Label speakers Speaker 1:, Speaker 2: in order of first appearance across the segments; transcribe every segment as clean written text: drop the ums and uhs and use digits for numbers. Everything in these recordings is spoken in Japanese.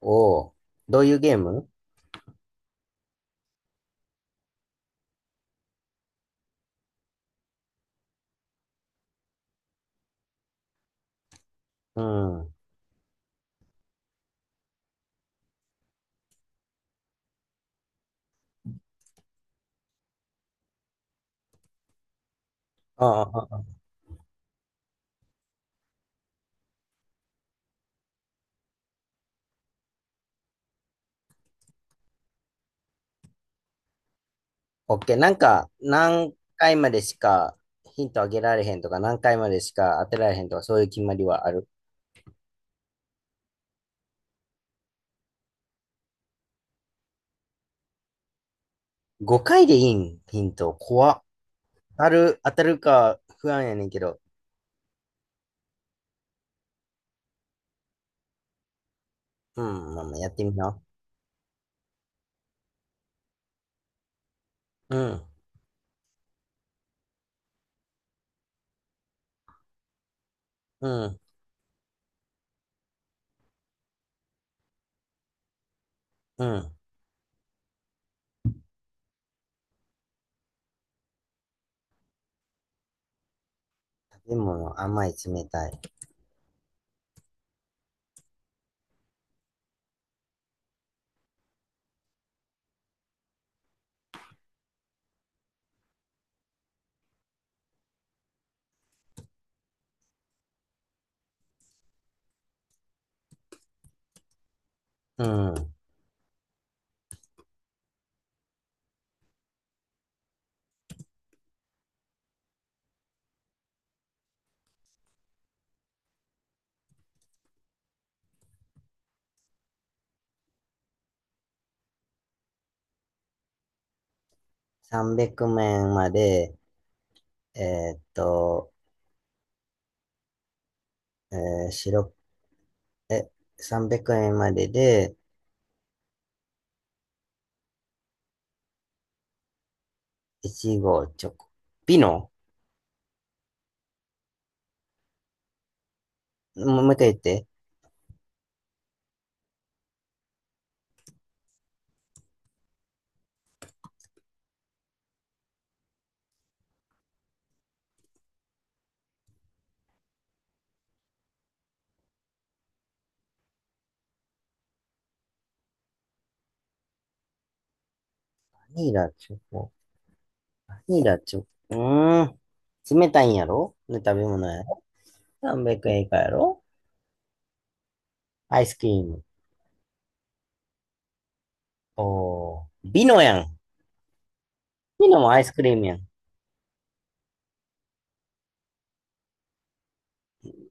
Speaker 1: おお、どういうゲーム？うん。ああ、ああ、オッケー。なんか、何回までしかヒントあげられへんとか、何回までしか当てられへんとか、そういう決まりはある？5回でいいん、ヒント。怖っ。当たるか不安やねんけど。うん、まあまあやってみな。うん、うん、うん。食べ物、甘い、冷たい。うん。300円まで、えーっと、え白、え、300円までで、いちご、チョコ。ピノ。もう一回言って。バニラチョコ。バニラチョコ。うーん。冷たいんやろね、食べ物やろ。300円以下やろ。アイスクリーム。おー。ビノやん。ビノもアイスクリームやん。い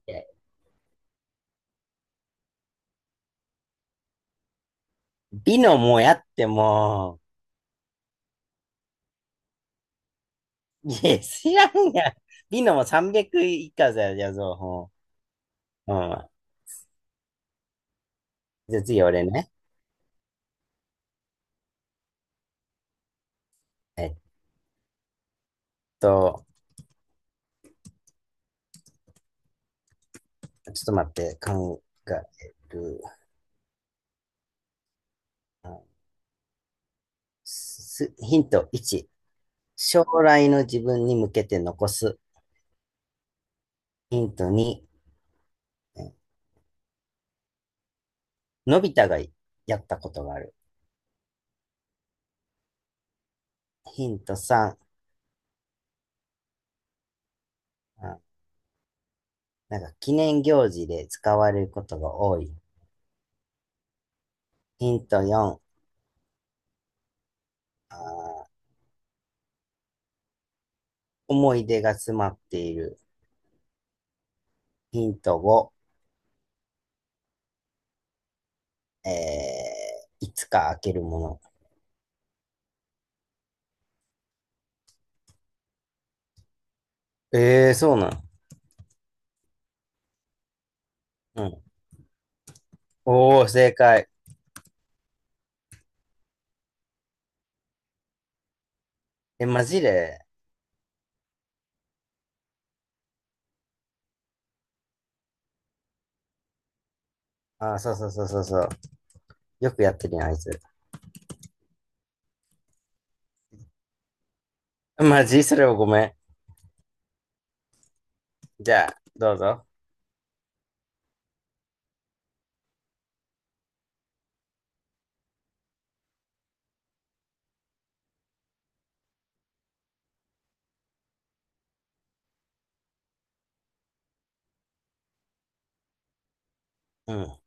Speaker 1: やビノもやってもう。いや、知らんやん。ビノも300以下だよ、じゃあ、そう。うん。じゃあ次俺ね。えっと、ちょっと待って、考える。あヒント1。将来の自分に向けて残す。ヒント2、のび太がやったことがある。ヒント3、あなんか記念行事で使われることが多い。ヒント4、あ思い出が詰まっている。ヒント5、えいつか開けるもの。ええー、そうなん。うん。おー、正解。え、マジで？あー、そうそうそうそうそう。よくやってるやん、あいつ。マジそれはごめん。じゃあ、どうぞ。うん。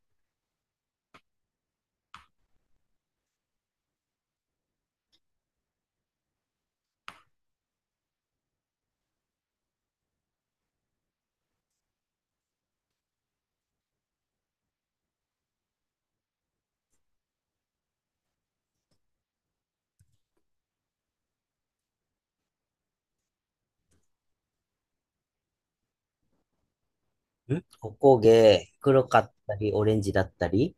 Speaker 1: おこげ、黒かったり、オレンジだったり、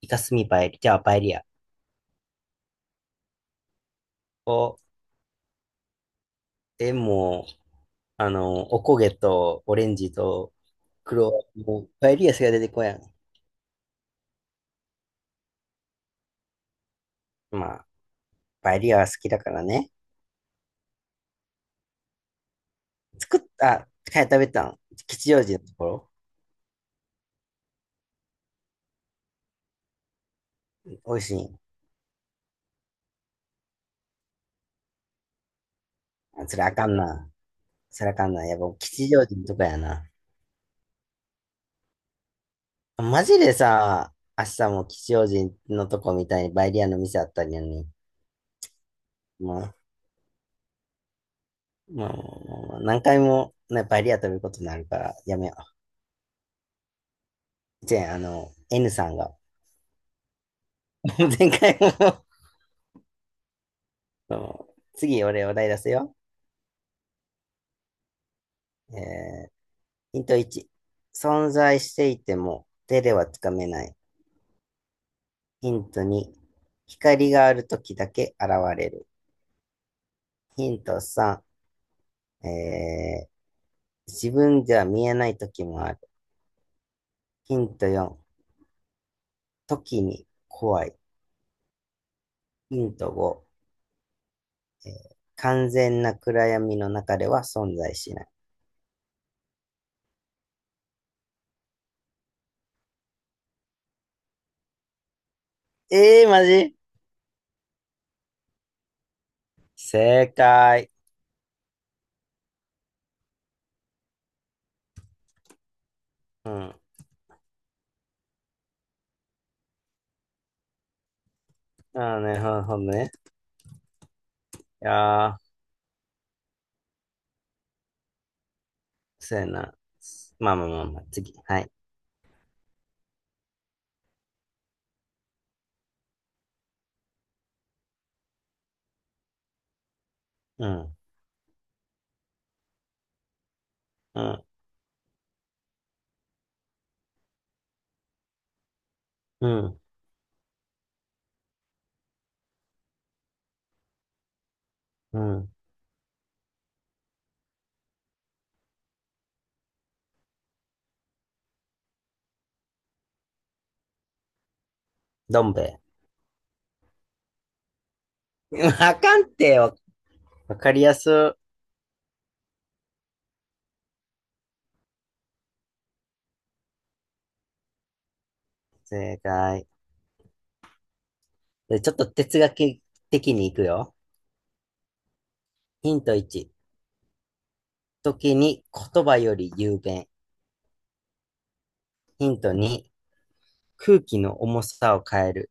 Speaker 1: イカスミパエリ、じゃあパエリア。をでも、おこげとオレンジと黒、もうパエリアしか出てこやん。まあ、パエリアは好きだからね。作った、かや食べたん？吉祥寺のところ？美味しい？あ、それあかんな。それあかんな。やっぱ吉祥寺のとこやな。マジでさ、明日も吉祥寺のとこみたいにパエリアの店あったりやね。まあ、まあ、まあまあまあ何回も、ね、パエリア食べることになるから、やめよう。じゃあ、N さんが、前回も 次、俺お題出すよ。えー、ヒント1、存在していても手ではつかめない。ヒント2、光がある時だけ現れる。ヒント3、えー、自分では見えない時もある。ヒント4、時に怖い。ヒント5、完全な暗闇の中では存在しない。えー、マジ？正解。うん。ああね、ほんほんね。いやー、そうやな。まあまあまあまあ、次。はい。うん、うん、うん、うん。どん兵衛。わかんってよ。わかりやすい。正解。で、ちょっと哲学的にいくよ。ヒント1。時に言葉より雄弁。ヒント2。空気の重さを変える。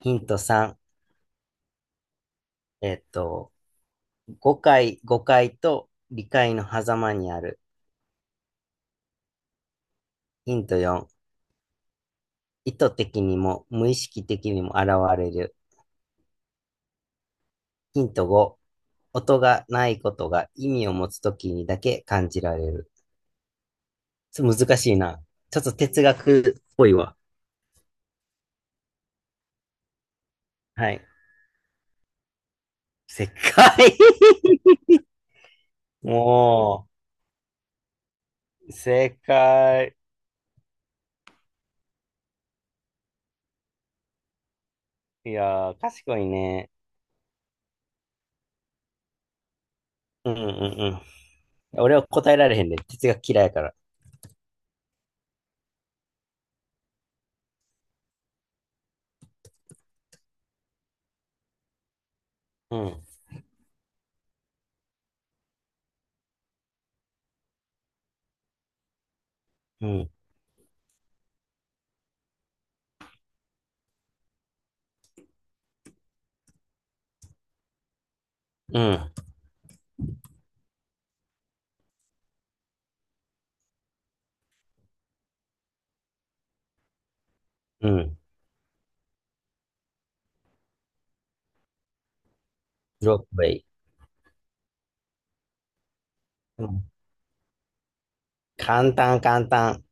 Speaker 1: ヒント3。えっと、誤解と理解の狭間にある。ヒント4。意図的にも無意識的にも現れる。ヒント5、音がないことが意味を持つときにだけ感じられる。ちょっと難しいな。ちょっと哲学っぽいわ。はい。正解。 もう、正解。いやー、賢いね。うんうんうん。俺は答えられへんで、ね哲学嫌いやから。うん、うん、うん、うん。ロープウェイ。うん。簡単、簡単。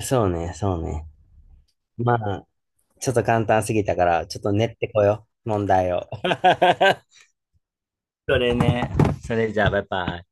Speaker 1: そうね、そうね。まあ、ちょっと簡単すぎたから、ちょっと練ってこよう、問題を。それね。それじゃあ、バイバイ。